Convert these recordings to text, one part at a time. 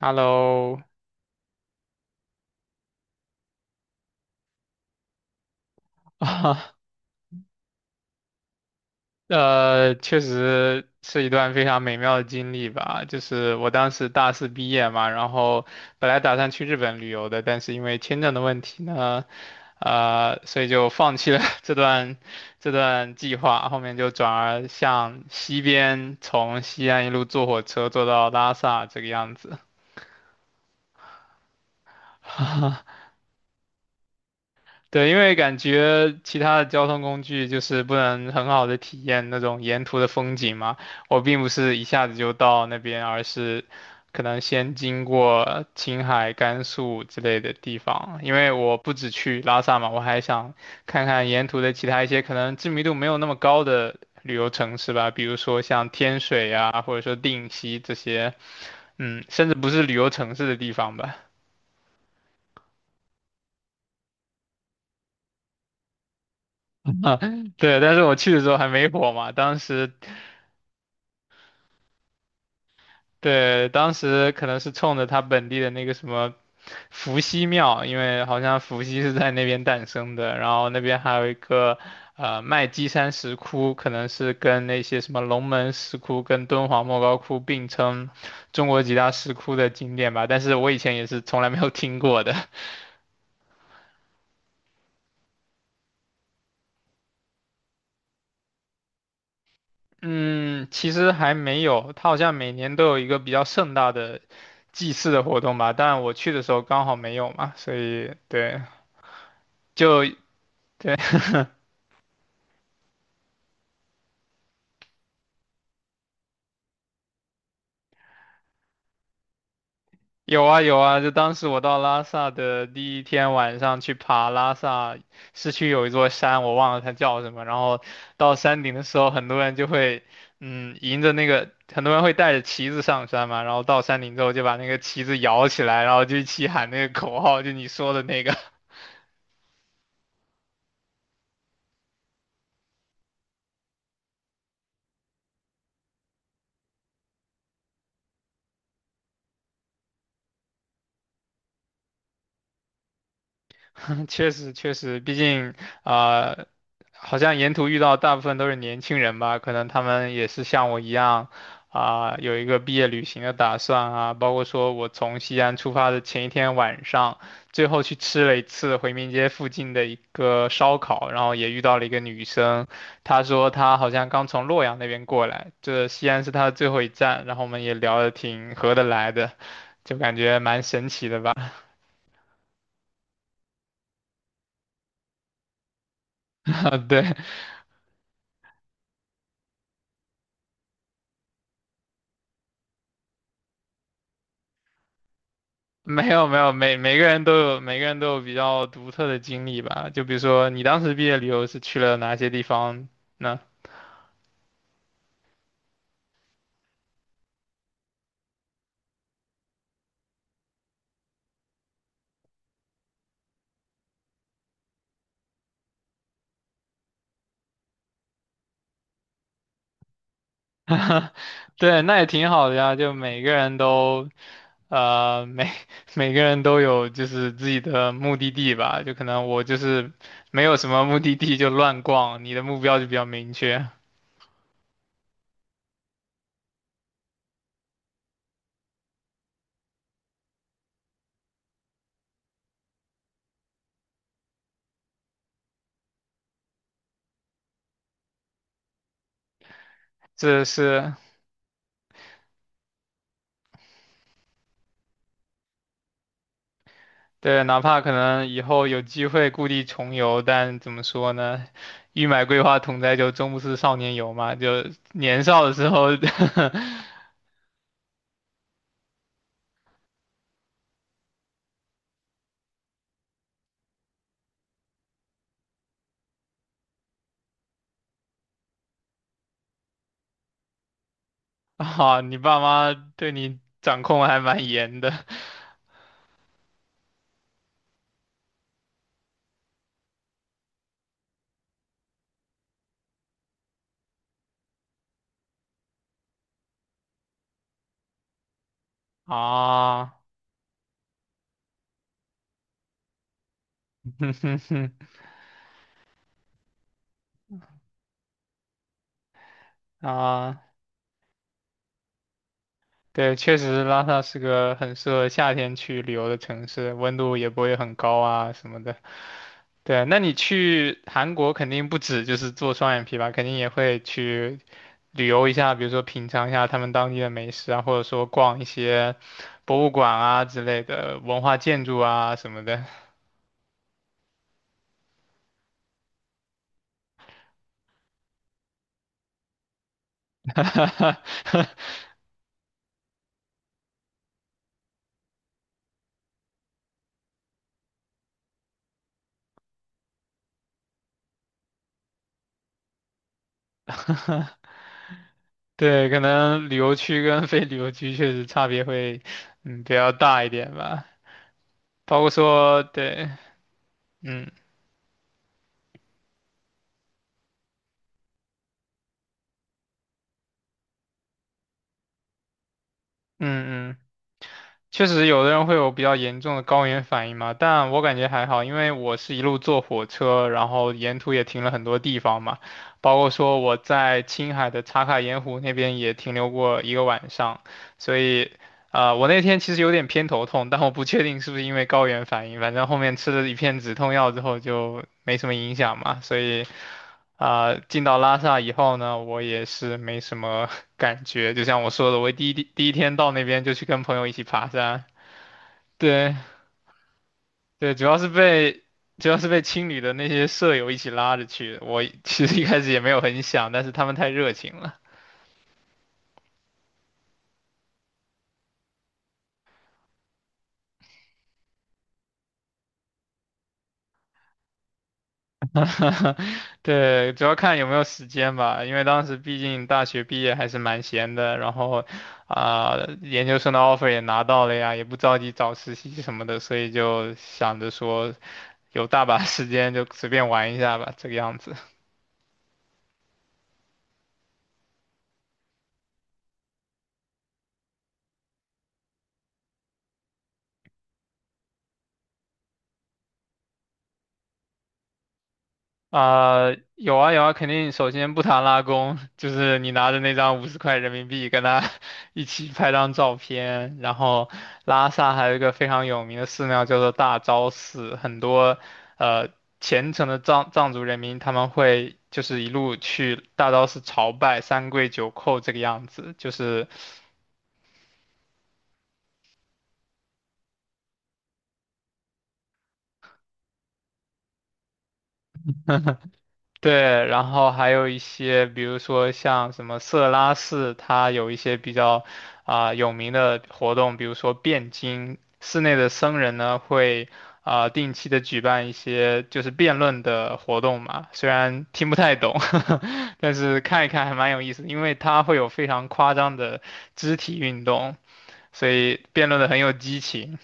Hello，啊，确实是一段非常美妙的经历吧。就是我当时大四毕业嘛，然后本来打算去日本旅游的，但是因为签证的问题呢，所以就放弃了 这段计划。后面就转而向西边，从西安一路坐火车坐到拉萨这个样子。对，因为感觉其他的交通工具就是不能很好的体验那种沿途的风景嘛。我并不是一下子就到那边，而是可能先经过青海、甘肃之类的地方。因为我不只去拉萨嘛，我还想看看沿途的其他一些可能知名度没有那么高的旅游城市吧，比如说像天水啊，或者说定西这些，嗯，甚至不是旅游城市的地方吧。啊，对，但是我去的时候还没火嘛，当时。对，当时可能是冲着他本地的那个什么伏羲庙，因为好像伏羲是在那边诞生的，然后那边还有一个麦积山石窟，可能是跟那些什么龙门石窟跟敦煌莫高窟并称中国几大石窟的景点吧，但是我以前也是从来没有听过的。嗯，其实还没有，他好像每年都有一个比较盛大的祭祀的活动吧，但我去的时候刚好没有嘛，所以对。就对。有啊有啊，就当时我到拉萨的第一天晚上去爬拉萨市区有一座山，我忘了它叫什么。然后到山顶的时候，很多人会带着旗子上山嘛。然后到山顶之后，就把那个旗子摇起来，然后就一起喊那个口号，就你说的那个。确实确实，毕竟啊、呃好像沿途遇到大部分都是年轻人吧，可能他们也是像我一样有一个毕业旅行的打算啊，包括说我从西安出发的前一天晚上，最后去吃了一次回民街附近的一个烧烤，然后也遇到了一个女生，她说她好像刚从洛阳那边过来，这西安是她的最后一站，然后我们也聊得挺合得来的，就感觉蛮神奇的吧，对。没有没有，每每个人都有比较独特的经历吧。就比如说你当时毕业旅游是去了哪些地方呢？对，那也挺好的呀。就每个人都，呃，每 每个人都有就是自己的目的地吧。就可能我就是没有什么目的地就乱逛，你的目标就比较明确。这是对，哪怕可能以后有机会故地重游，但怎么说呢？欲买桂花同载酒，终不似少年游嘛。就年少的时候，啊，你爸妈对你掌控还蛮严的啊，哼哼哼啊，对，确实拉萨是个很适合夏天去旅游的城市，温度也不会很高啊什么的。对，那你去韩国肯定不止就是做双眼皮吧，肯定也会去旅游一下，比如说品尝一下他们当地的美食啊，或者说逛一些博物馆啊之类的文化建筑啊什么的。对，可能旅游区跟非旅游区确实差别会比较大一点吧，包括说对，嗯嗯嗯。确实有的人会有比较严重的高原反应嘛，但我感觉还好，因为我是一路坐火车，然后沿途也停了很多地方嘛，包括说我在青海的茶卡盐湖那边也停留过一个晚上，所以，我那天其实有点偏头痛，但我不确定是不是因为高原反应，反正后面吃了一片止痛药之后就没什么影响嘛，所以。进到拉萨以后呢，我也是没什么 感觉。就像我说的，我第一第第一天到那边就去跟朋友一起爬山，对对，主要是被青旅的那些舍友一起拉着去的我 其实一开始也没有很想，但是他们太热情了。对，主要看有没有时间吧，因为当时毕竟大学毕业还是蛮闲的，然后啊、研究生的 offer 也拿到了呀，也不着急找实习什么的，所以就想着说有大把时间就随便玩一下吧，这个样子。啊、有啊有啊，肯定首先不谈拉弓，就是你拿着那张五十块人民币跟他 一起拍张照片。然后拉萨还有一个非常有名的寺庙叫做大昭寺，很多呃虔诚的藏族人民他们会就是一路去大昭寺朝拜三跪九叩这个样子，就是对，然后还有一些，比如说像什么色拉寺，它有一些比较有名的活动，比如说辩经，寺内的僧人呢会定期的举办一些就是辩论的活动嘛，虽然听不太懂，但是看一看还蛮有意思的因为它会有非常夸张的肢体运动，所以辩论的很有激情。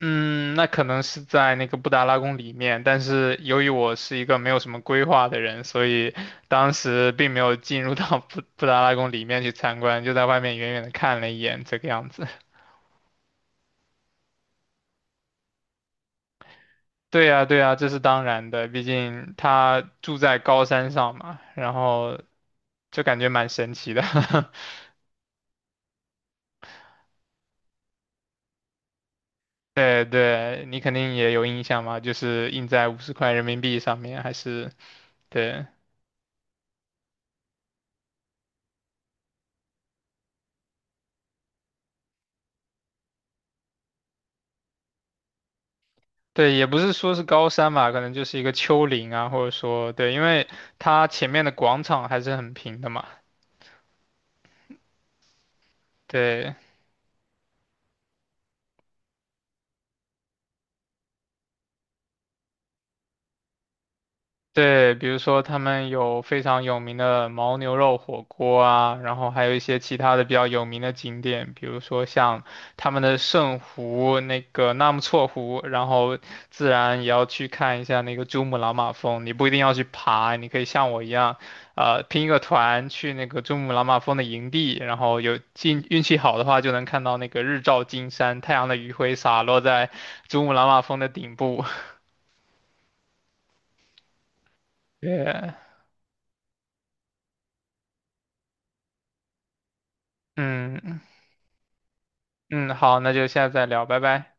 嗯，那可能是在那个布达拉宫里面，但是由于我是一个没有什么规划的人，所以当时并没有进入到布达拉宫里面去参观，就在外面远远的看了一眼，这个样子。对呀，对呀，这是当然的，毕竟他住在高山上嘛，然后就感觉蛮神奇的。对对，你肯定也有印象嘛，就是印在五十块人民币上面，还是对。对，也不是说是高山吧，可能就是一个丘陵啊，或者说对，因为它前面的广场还是很平的嘛。对，对，比如说他们有非常有名的牦牛肉火锅啊，然后还有一些其他的比较有名的景点，比如说像他们的圣湖、那个纳木错湖，然后自然也要去看一下那个珠穆朗玛峰。你不一定要去爬，你可以像我一样，拼一个团去那个珠穆朗玛峰的营地，然后有运气好的话，就能看到那个日照金山，太阳的余晖洒落在珠穆朗玛峰的顶部。对，嗯。嗯，好，那就下次再聊，拜拜。